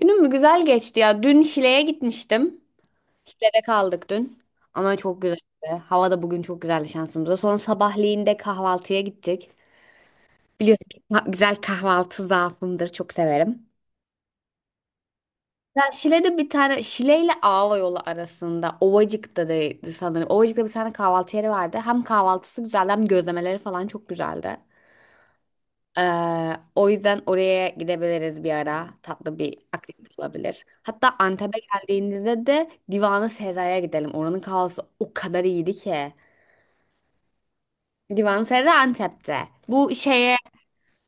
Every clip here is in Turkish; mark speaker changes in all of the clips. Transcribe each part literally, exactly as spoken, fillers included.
Speaker 1: Günüm mü güzel geçti ya. Dün Şile'ye gitmiştim. Şile'de kaldık dün. Ama çok güzeldi. Hava da bugün çok güzeldi şansımıza. Sonra sabahleyin de kahvaltıya gittik. Biliyorsun ki ka- güzel kahvaltı zaafımdır. Çok severim. Ya Şile'de bir tane Şile ile Ağva yolu arasında Ovacık'ta da sanırım. Ovacık'ta bir tane kahvaltı yeri vardı. Hem kahvaltısı güzeldi hem gözlemeleri falan çok güzeldi. Ee, o yüzden oraya gidebiliriz bir ara. Tatlı bir aktivite olabilir. Hatta Antep'e geldiğinizde de Divan-ı Serra'ya gidelim. Oranın kahvesi o kadar iyiydi ki. Divan-ı Serra Antep'te. Bu şeye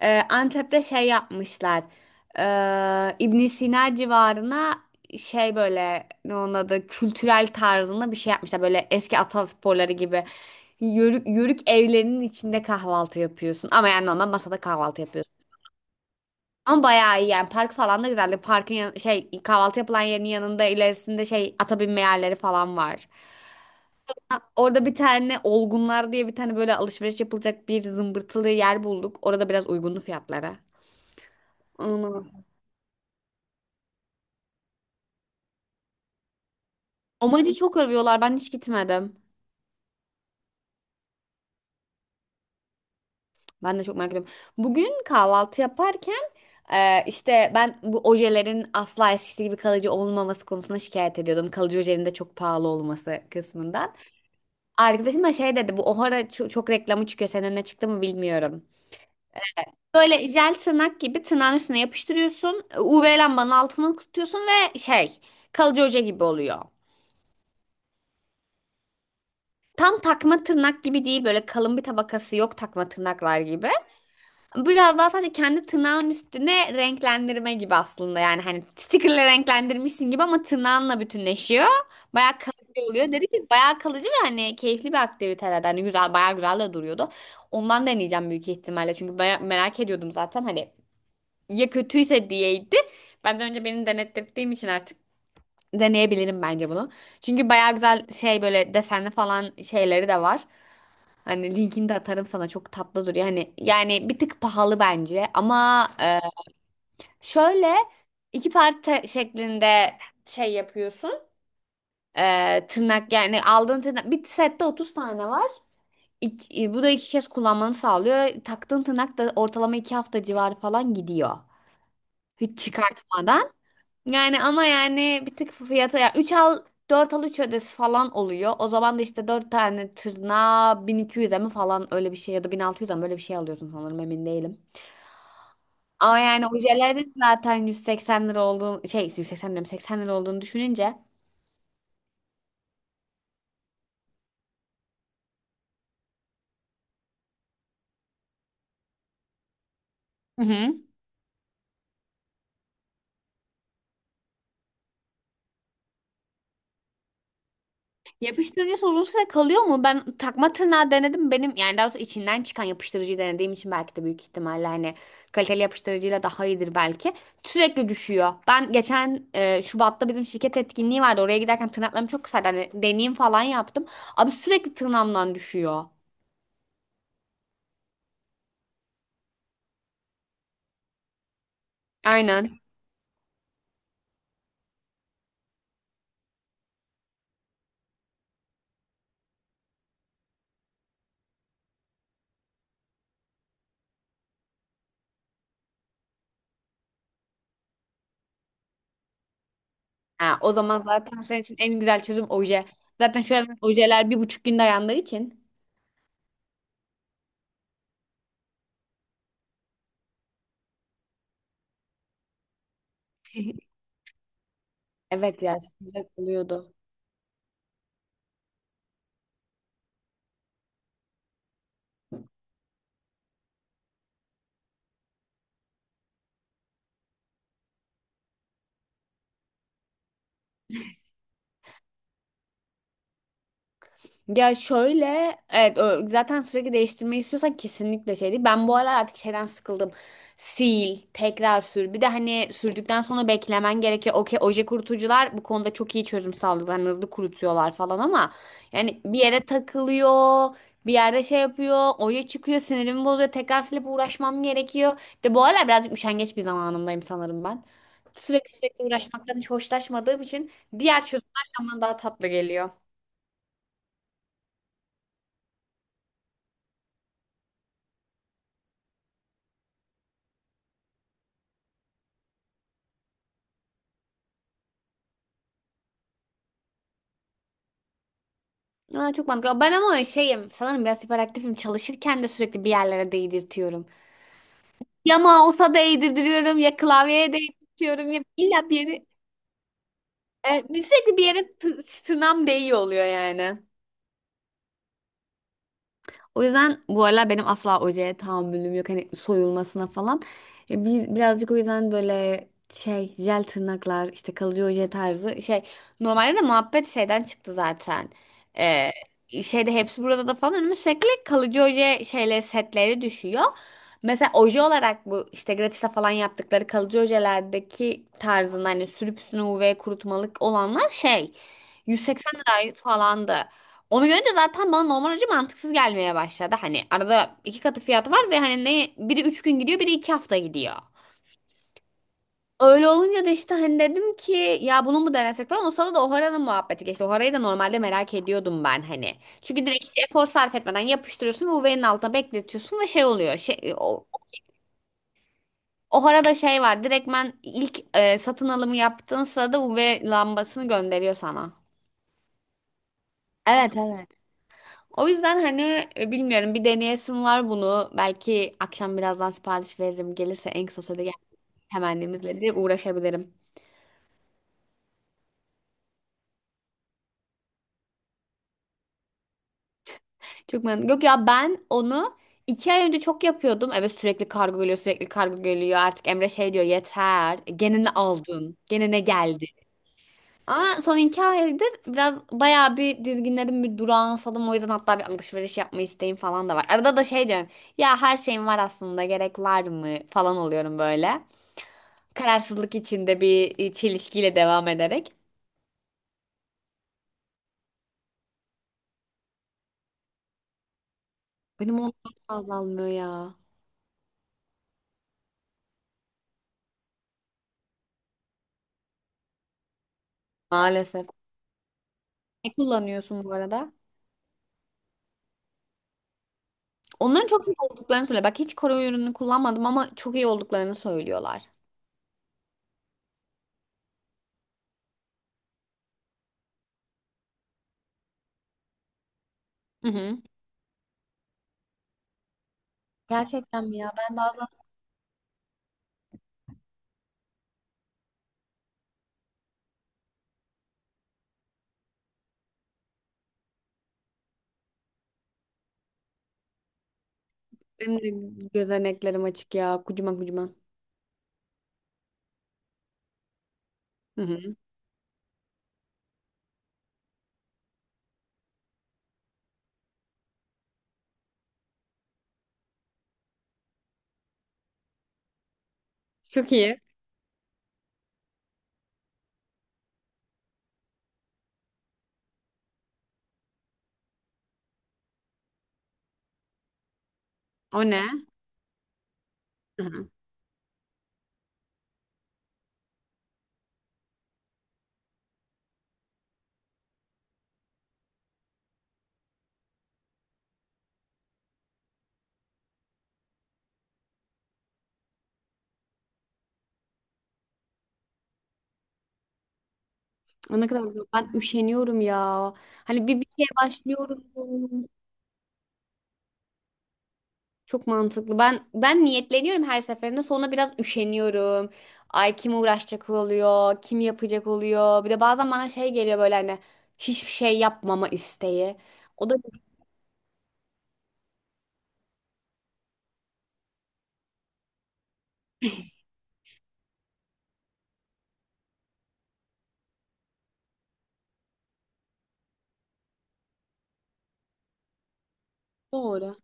Speaker 1: e, Antep'te şey yapmışlar. Ee, ibn Sina civarına şey böyle ne onun adı kültürel tarzında bir şey yapmışlar. Böyle eski atasporları gibi. Yörük, yörük evlerinin içinde kahvaltı yapıyorsun. Ama yani normal masada kahvaltı yapıyorsun. Ama bayağı iyi yani. Park falan da güzeldi. Parkın yan- şey kahvaltı yapılan yerin yanında ilerisinde şey ata binme yerleri falan var. Ha, orada bir tane Olgunlar diye bir tane böyle alışveriş yapılacak bir zımbırtılı yer bulduk. Orada biraz uygunlu fiyatlara. Onu. Omacı çok övüyorlar. Ben hiç gitmedim. Ben de çok merak ediyorum. Bugün kahvaltı yaparken e, işte ben bu ojelerin asla eskisi gibi kalıcı olmaması konusunda şikayet ediyordum. Kalıcı ojelerin de çok pahalı olması kısmında. Arkadaşım da şey dedi bu Ohara ço- çok reklamı çıkıyor senin önüne çıktı mı bilmiyorum. Böyle jel tırnak gibi tırnağın üstüne yapıştırıyorsun. U V lambanın altına tutuyorsun ve şey kalıcı hoca gibi oluyor. Tam takma tırnak gibi değil, böyle kalın bir tabakası yok takma tırnaklar gibi. Biraz daha sadece kendi tırnağın üstüne renklendirme gibi aslında. Yani hani stickerle renklendirmişsin gibi ama tırnağınla bütünleşiyor. Bayağı kalıcı oluyor. Dedi ki bayağı kalıcı ve hani keyifli bir aktivitelerden. Hani güzel, bayağı güzel de duruyordu. Ondan deneyeceğim büyük ihtimalle. Çünkü baya- merak ediyordum zaten. Hani ya kötüyse diyeydi. Ben de önce beni denettirdiğim için artık deneyebilirim bence bunu. Çünkü bayağı güzel şey böyle desenli falan şeyleri de var. Hani linkini de atarım sana, çok tatlı duruyor. Hani yani bir tık pahalı bence ama e, şöyle iki parça şeklinde şey yapıyorsun. E, tırnak yani aldığın tırnak bir sette otuz tane var. İki- bu da iki kez kullanmanı sağlıyor. Taktığın tırnak da ortalama iki hafta civarı falan gidiyor. Hiç çıkartmadan. Yani ama yani bir tık fiyatı, ya üç al dört al üç ödesi falan oluyor. O zaman da işte dört tane tırnağa bin iki yüze mi falan öyle bir şey ya da bin altı yüze mi öyle bir şey alıyorsun sanırım, emin değilim. Ama yani ojelerin zaten yüz seksen lira olduğunu, şey yüz seksen lira mı, seksen lira olduğunu düşününce. Hı hı. Yapıştırıcı uzun süre kalıyor mu? Ben takma tırnağı denedim. Benim yani daha doğrusu içinden çıkan yapıştırıcıyı denediğim için belki de, büyük ihtimalle hani kaliteli yapıştırıcıyla daha iyidir belki. Sürekli düşüyor. Ben geçen e, Şubat'ta bizim şirket etkinliği vardı. Oraya giderken tırnaklarım çok kısaydı. Hani deneyim falan yaptım. Abi sürekli tırnağımdan düşüyor. Aynen. Ha, o zaman zaten senin için en güzel çözüm oje. Zaten şu an ojeler bir buçuk gün dayandığı için. Evet ya, çok güzel oluyordu. Ya şöyle, evet, ö- zaten sürekli değiştirmeyi istiyorsan kesinlikle şey değil. Ben bu aralar artık şeyden sıkıldım. Sil, tekrar sür. Bir de hani sürdükten sonra beklemen gerekiyor. Okey, oje kurutucular bu konuda çok iyi çözüm sağlıyorlar. Hani hızlı kurutuyorlar falan ama yani bir yere takılıyor. Bir yerde şey yapıyor. Oje çıkıyor. Sinirimi bozuyor. Tekrar silip uğraşmam gerekiyor. Bir de bu aralar birazcık üşengeç bir zamanımdayım sanırım ben. Sürekli sürekli uğraşmaktan hiç hoşlaşmadığım için diğer çözümler şu an bana daha tatlı geliyor. Aa, çok mantıklı. Ben ama şeyim sanırım, biraz hiperaktifim. Çalışırken de sürekli bir yerlere değdirtiyorum. Ya mouse'a değdirtiyorum ya klavyeye değdirtiyorum, ya illa bir yere. E, sürekli bir yere tı- tırnağım değiyor oluyor yani. O yüzden bu aralar benim asla ojeye tahammülüm yok. Hani soyulmasına falan. E, Biz birazcık o yüzden böyle şey jel tırnaklar işte kalıcı oje tarzı şey. Normalde de muhabbet şeyden çıktı zaten. Ee, şeyde hepsi burada da falan önüme sürekli kalıcı oje şeyleri, setleri düşüyor. Mesela oje olarak bu işte gratis'te falan yaptıkları kalıcı ojelerdeki tarzında, hani sürüp üstüne U V kurutmalık olanlar şey yüz seksen lira falandı. Onu görünce zaten bana normal hoca mantıksız gelmeye başladı. Hani arada iki katı fiyatı var ve hani ne biri üç gün gidiyor biri iki hafta gidiyor. Öyle olunca da işte hani dedim ki ya bunu mu denesek falan. O sırada da Ohara'nın muhabbeti geçti. Ohara'yı da normalde merak ediyordum ben hani. Çünkü direkt hiç efor sarf etmeden yapıştırıyorsun ve U V'nin altına bekletiyorsun ve şey oluyor. Şey, o, Ohara'da şey var, direktmen ilk e, satın alımı yaptığın sırada U V lambasını gönderiyor sana. Evet, evet. O yüzden hani e, bilmiyorum, bir deneyesim var bunu. Belki akşam birazdan sipariş veririm. Gelirse en kısa sürede gel temennemizle de uğraşabilirim. Çok memnun. Yok ya, ben onu iki ay önce çok yapıyordum. Evet sürekli kargo geliyor, sürekli kargo geliyor. Artık Emre şey diyor, yeter. E, Gene ne aldın? Gene ne geldi? Ama son iki aydır biraz bayağı bir dizginlerim, bir duransadım. O yüzden hatta bir alışveriş yapma isteğim falan da var. Arada da şey diyorum. Ya her şeyim var aslında, gerek var mı falan oluyorum böyle. Kararsızlık içinde bir e, çelişkiyle devam ederek. Benim onlar azalmıyor ya. Maalesef. Ne kullanıyorsun bu arada? Onların çok iyi olduklarını söyle. Bak, hiç koruma ürünü kullanmadım ama çok iyi olduklarını söylüyorlar. Hı hı. Gerçekten mi ya? Ben bazen benim de gözeneklerim açık ya. Kucuma kucuma. Hı hı. Çok iyi. O ne? Hı hı. O ne kadar güzel. Ben üşeniyorum ya. Hani bir bir şeye başlıyorum. Çok mantıklı. Ben ben niyetleniyorum her seferinde. Sonra biraz üşeniyorum. Ay, kim uğraşacak oluyor? Kim yapacak oluyor? Bir de bazen bana şey geliyor, böyle hani hiçbir şey yapmama isteği. O da doğru.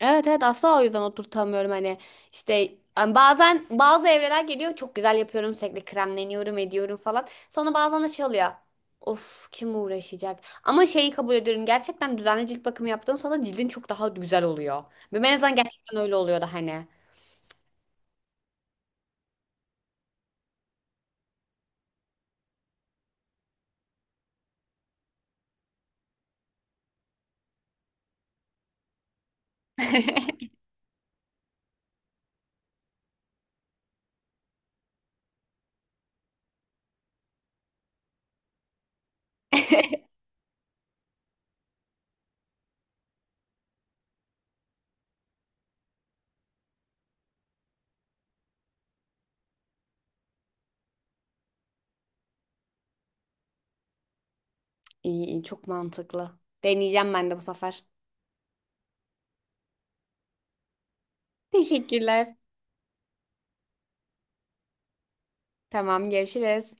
Speaker 1: Evet, evet, asla. O yüzden oturtamıyorum hani. İşte hani bazen bazı evreler geliyor, çok güzel yapıyorum, sürekli kremleniyorum ediyorum falan. Sonra bazen de şey oluyor, of kim uğraşacak. Ama şeyi kabul ediyorum, gerçekten düzenli cilt bakımı yaptığın sana cildin çok daha güzel oluyor ve ben en azından gerçekten öyle oluyordu hani. iyi iyi, çok mantıklı, deneyeceğim ben de bu sefer. Teşekkürler. Tamam, görüşürüz.